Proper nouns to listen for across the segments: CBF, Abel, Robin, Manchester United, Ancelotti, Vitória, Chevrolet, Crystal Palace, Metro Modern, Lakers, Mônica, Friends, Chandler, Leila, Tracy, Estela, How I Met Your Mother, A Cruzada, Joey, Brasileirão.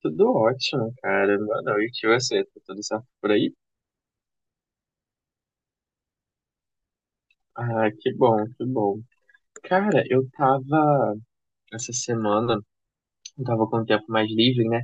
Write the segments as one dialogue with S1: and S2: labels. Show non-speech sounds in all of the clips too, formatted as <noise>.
S1: Tudo ótimo, cara. Boa noite. E você? Tá tudo certo por aí? Ah, que bom, que bom. Cara, eu tava essa semana, eu tava com o tempo mais livre, né?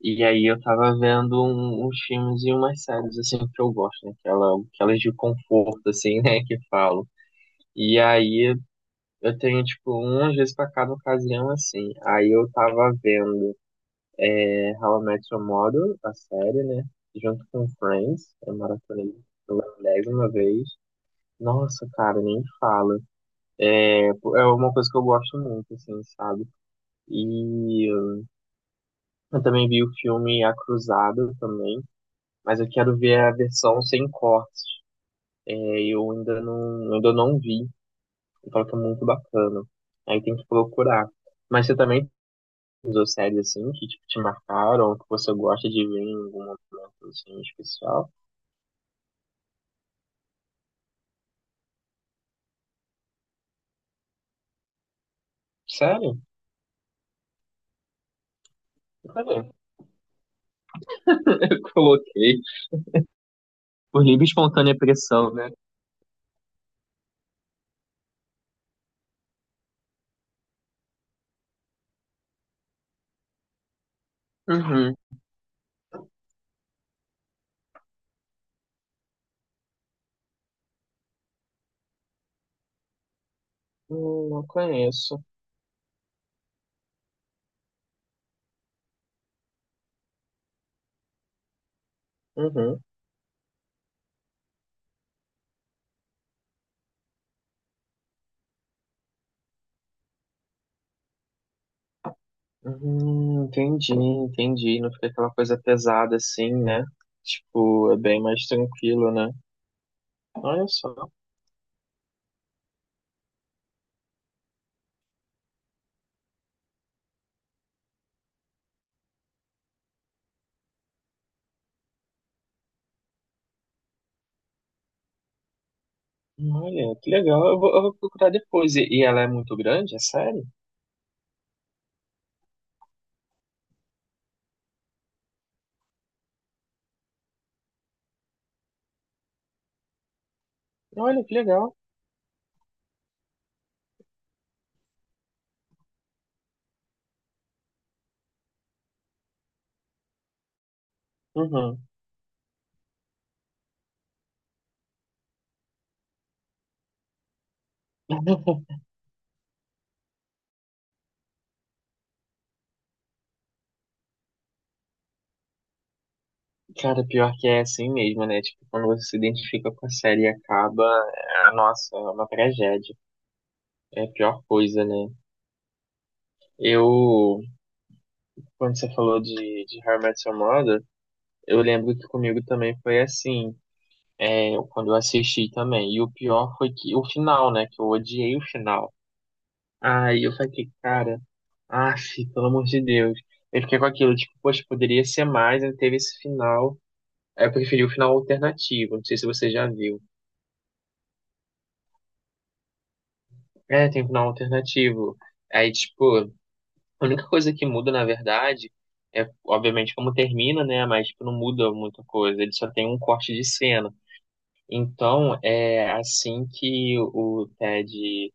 S1: E aí eu tava vendo uns filmes e umas séries, assim, que eu gosto, né? Aquelas de conforto, assim, <laughs> né? Que falo. E aí eu tenho, tipo, umas vezes pra cada ocasião, assim. Aí eu tava vendo, né? How I Met Your Mother, a série, né? Junto com Friends. Eu maratonei pela milésima vez. Nossa, cara, nem fala. É uma coisa que eu gosto muito, assim, sabe? E eu também vi o filme A Cruzada também, mas eu quero ver a versão sem cortes. É, eu ainda não vi. E fala que é muito bacana. Aí tem que procurar. Mas você também usou séries assim que tipo, te marcaram, que você gosta de ver em algum momento assim especial? Sério? Cadê? <laughs> Eu coloquei por livre e espontânea pressão, né? Uhum. Não conheço. Uhum. Uhum, entendi, entendi. Não fica aquela coisa pesada assim, né? Tipo, é bem mais tranquilo, né? Olha só. Olha, que legal. Eu vou procurar depois. E ela é muito grande, é sério? Olha, que legal. Uhum. <laughs> Cara, pior que é assim mesmo, né? Tipo, quando você se identifica com a série e acaba, é, nossa, é uma tragédia. É a pior coisa, né? Eu, quando você falou de How I Met Your Mother, eu lembro que comigo também foi assim. Eu, quando eu assisti também. E o pior foi que o final, né? Que eu odiei o final. Aí eu falei, cara, ah, pelo amor de Deus. Eu fiquei com aquilo, tipo, poxa, poderia ser mais, né? Teve esse final. Aí eu preferi o final alternativo, não sei se você já viu. É, tem um final alternativo. Aí, tipo, a única coisa que muda, na verdade, é, obviamente, como termina, né? Mas, tipo, não muda muita coisa. Ele só tem um corte de cena. Então, é assim que o Ted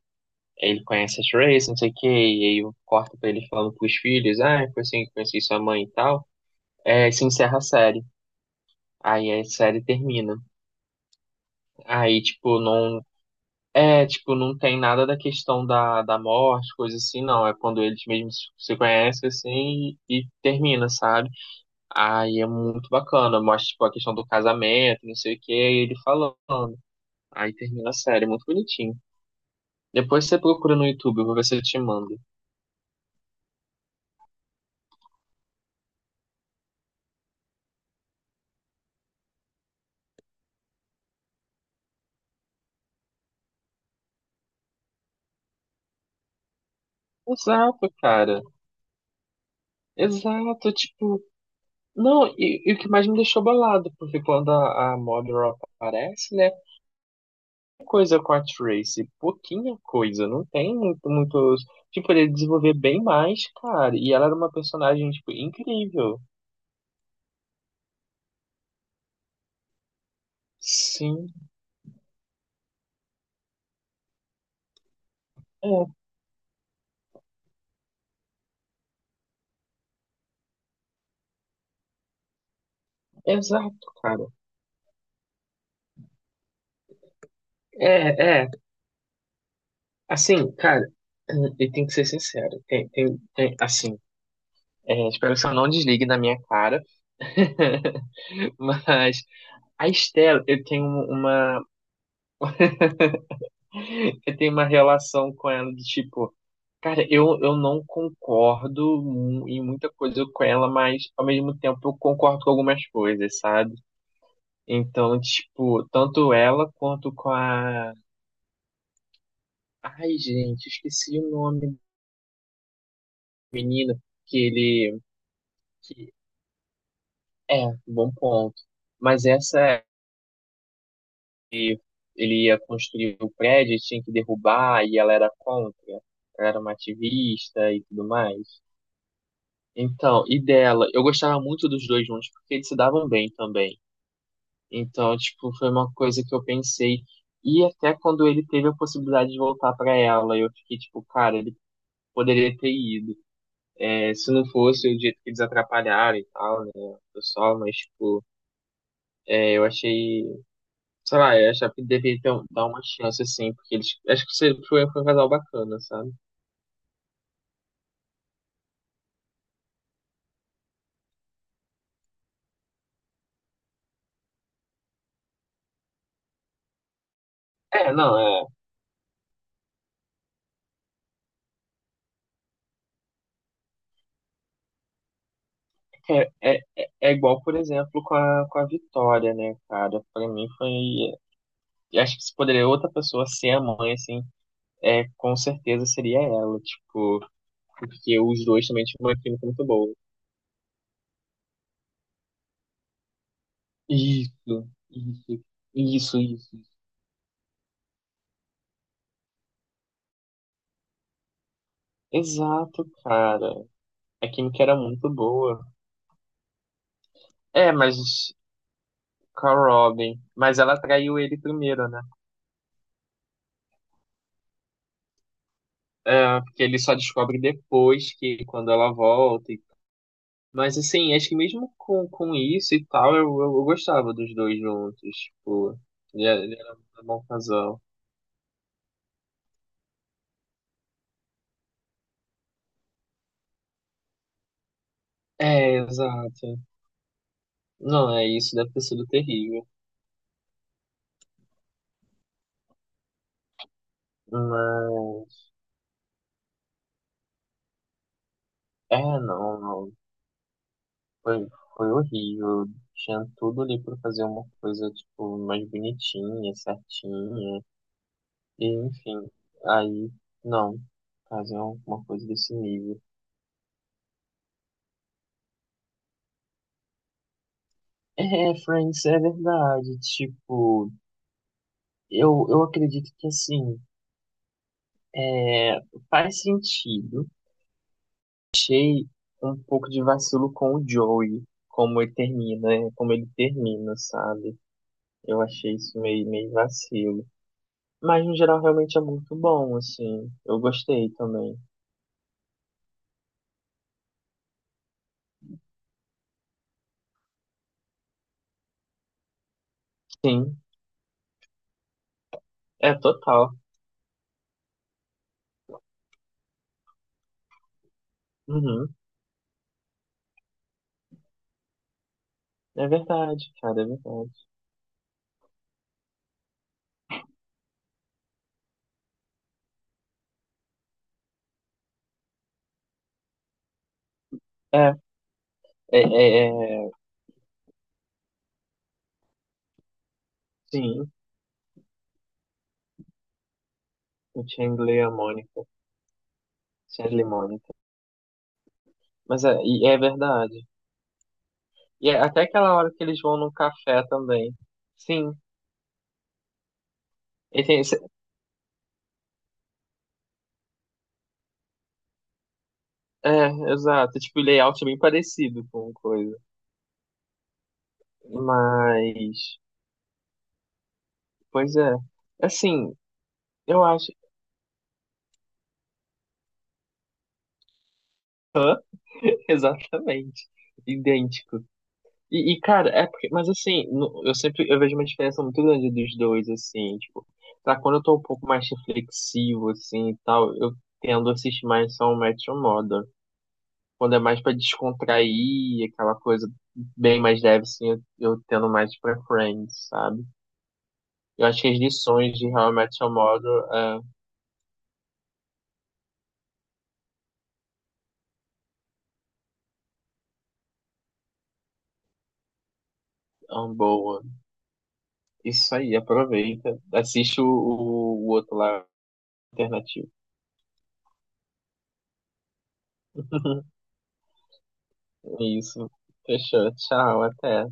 S1: ele conhece a Trace, não sei o que e aí eu corto pra ele falando pros filhos, ah, foi assim que conheci sua mãe e tal. É, e se encerra a série. Aí a série termina. Aí, tipo, não. É, tipo, não tem nada da questão da morte, coisa assim, não. É quando eles mesmos se conhecem, assim, e termina, sabe? Aí é muito bacana. Mostra, tipo, a questão do casamento, não sei o que e ele falando. Aí termina a série, muito bonitinho. Depois você procura no YouTube, eu vou ver se eu te mando. Exato, cara. Exato, tipo, não, e o que mais me deixou bolado, porque quando a Modern aparece, né, coisa com a Tracy, pouquinha coisa, não tem muitos, tipo, ele desenvolver bem mais, cara, e ela era uma personagem, tipo, incrível. Sim, é, exato, cara. É, assim, cara, e tem que ser sincero, tem, assim, é, espero que você não desligue na minha cara, <laughs> mas a Estela, eu tenho uma relação com ela de tipo, cara, eu não concordo em muita coisa com ela, mas ao mesmo tempo eu concordo com algumas coisas, sabe? Então, tipo, tanto ela quanto com a. Ai, gente, esqueci o nome do menino que ele. Que... É, bom ponto. Mas essa, ele ia construir o prédio, tinha que derrubar, e ela era contra. Ela era uma ativista e tudo mais. Então, e dela, eu gostava muito dos dois juntos porque eles se davam bem também. Então, tipo, foi uma coisa que eu pensei. E até quando ele teve a possibilidade de voltar pra ela, eu fiquei tipo, cara, ele poderia ter ido. É, se não fosse o jeito que eles atrapalharam e tal, né, o pessoal, mas tipo, é, eu achei, sei lá, eu achava que deveria ter, um, dar uma chance assim, porque eles, acho que foi, foi um casal bacana, sabe? É, não, é, é igual, por exemplo, com a Vitória, né, cara? Pra mim foi. Eu acho que se poderia outra pessoa ser a mãe, assim, é, com certeza seria ela, tipo, porque os dois também tinham uma química muito boa. Isso, isso. Exato, cara. A química era muito boa. É, mas com a Robin. Mas ela traiu ele primeiro, né? É, porque ele só descobre depois que quando ela volta. E- Mas assim, acho que mesmo com isso e tal, eu gostava dos dois juntos. Tipo, ele era um bom casal. É, exato. Não, é isso, deve ter sido terrível. Mas, é, não, não. Foi, foi horrível. Tinha tudo ali pra fazer uma coisa, tipo, mais bonitinha, certinha. E, enfim, aí, não. Fazer uma coisa desse nível. É, Friends, é verdade. Tipo, eu acredito que, assim, é faz sentido achei um pouco de vacilo com o Joey, como ele termina, é, como ele termina, sabe? Eu achei isso meio, meio vacilo. Mas no geral realmente é muito bom, assim. Eu gostei também. Sim, é total. Uhum. É verdade, cara, é verdade. É, é, é, é, sim, o Chandler e a Mônica. Chandler e Mônica. Mas é, e é verdade. E é até aquela hora que eles vão no café também. Sim. E tem- É, exato. Tipo, o layout é bem parecido com coisa. Mas, pois é. Assim, eu acho <laughs> exatamente idêntico. E, cara, é porque, mas assim, no- eu sempre eu vejo uma diferença muito grande dos dois, assim, tipo, pra quando eu tô um pouco mais reflexivo, assim, e tal, eu tendo a assistir mais só o Metro Modern. Quando é mais pra descontrair, aquela coisa bem mais leve, assim, eu tendo mais pra Friends, sabe? Eu acho que as lições de How I Met Your Mother é, é uma boa. Isso aí, aproveita. Assiste o outro lá, alternativo. <laughs> É isso. Fechou. Tchau, até.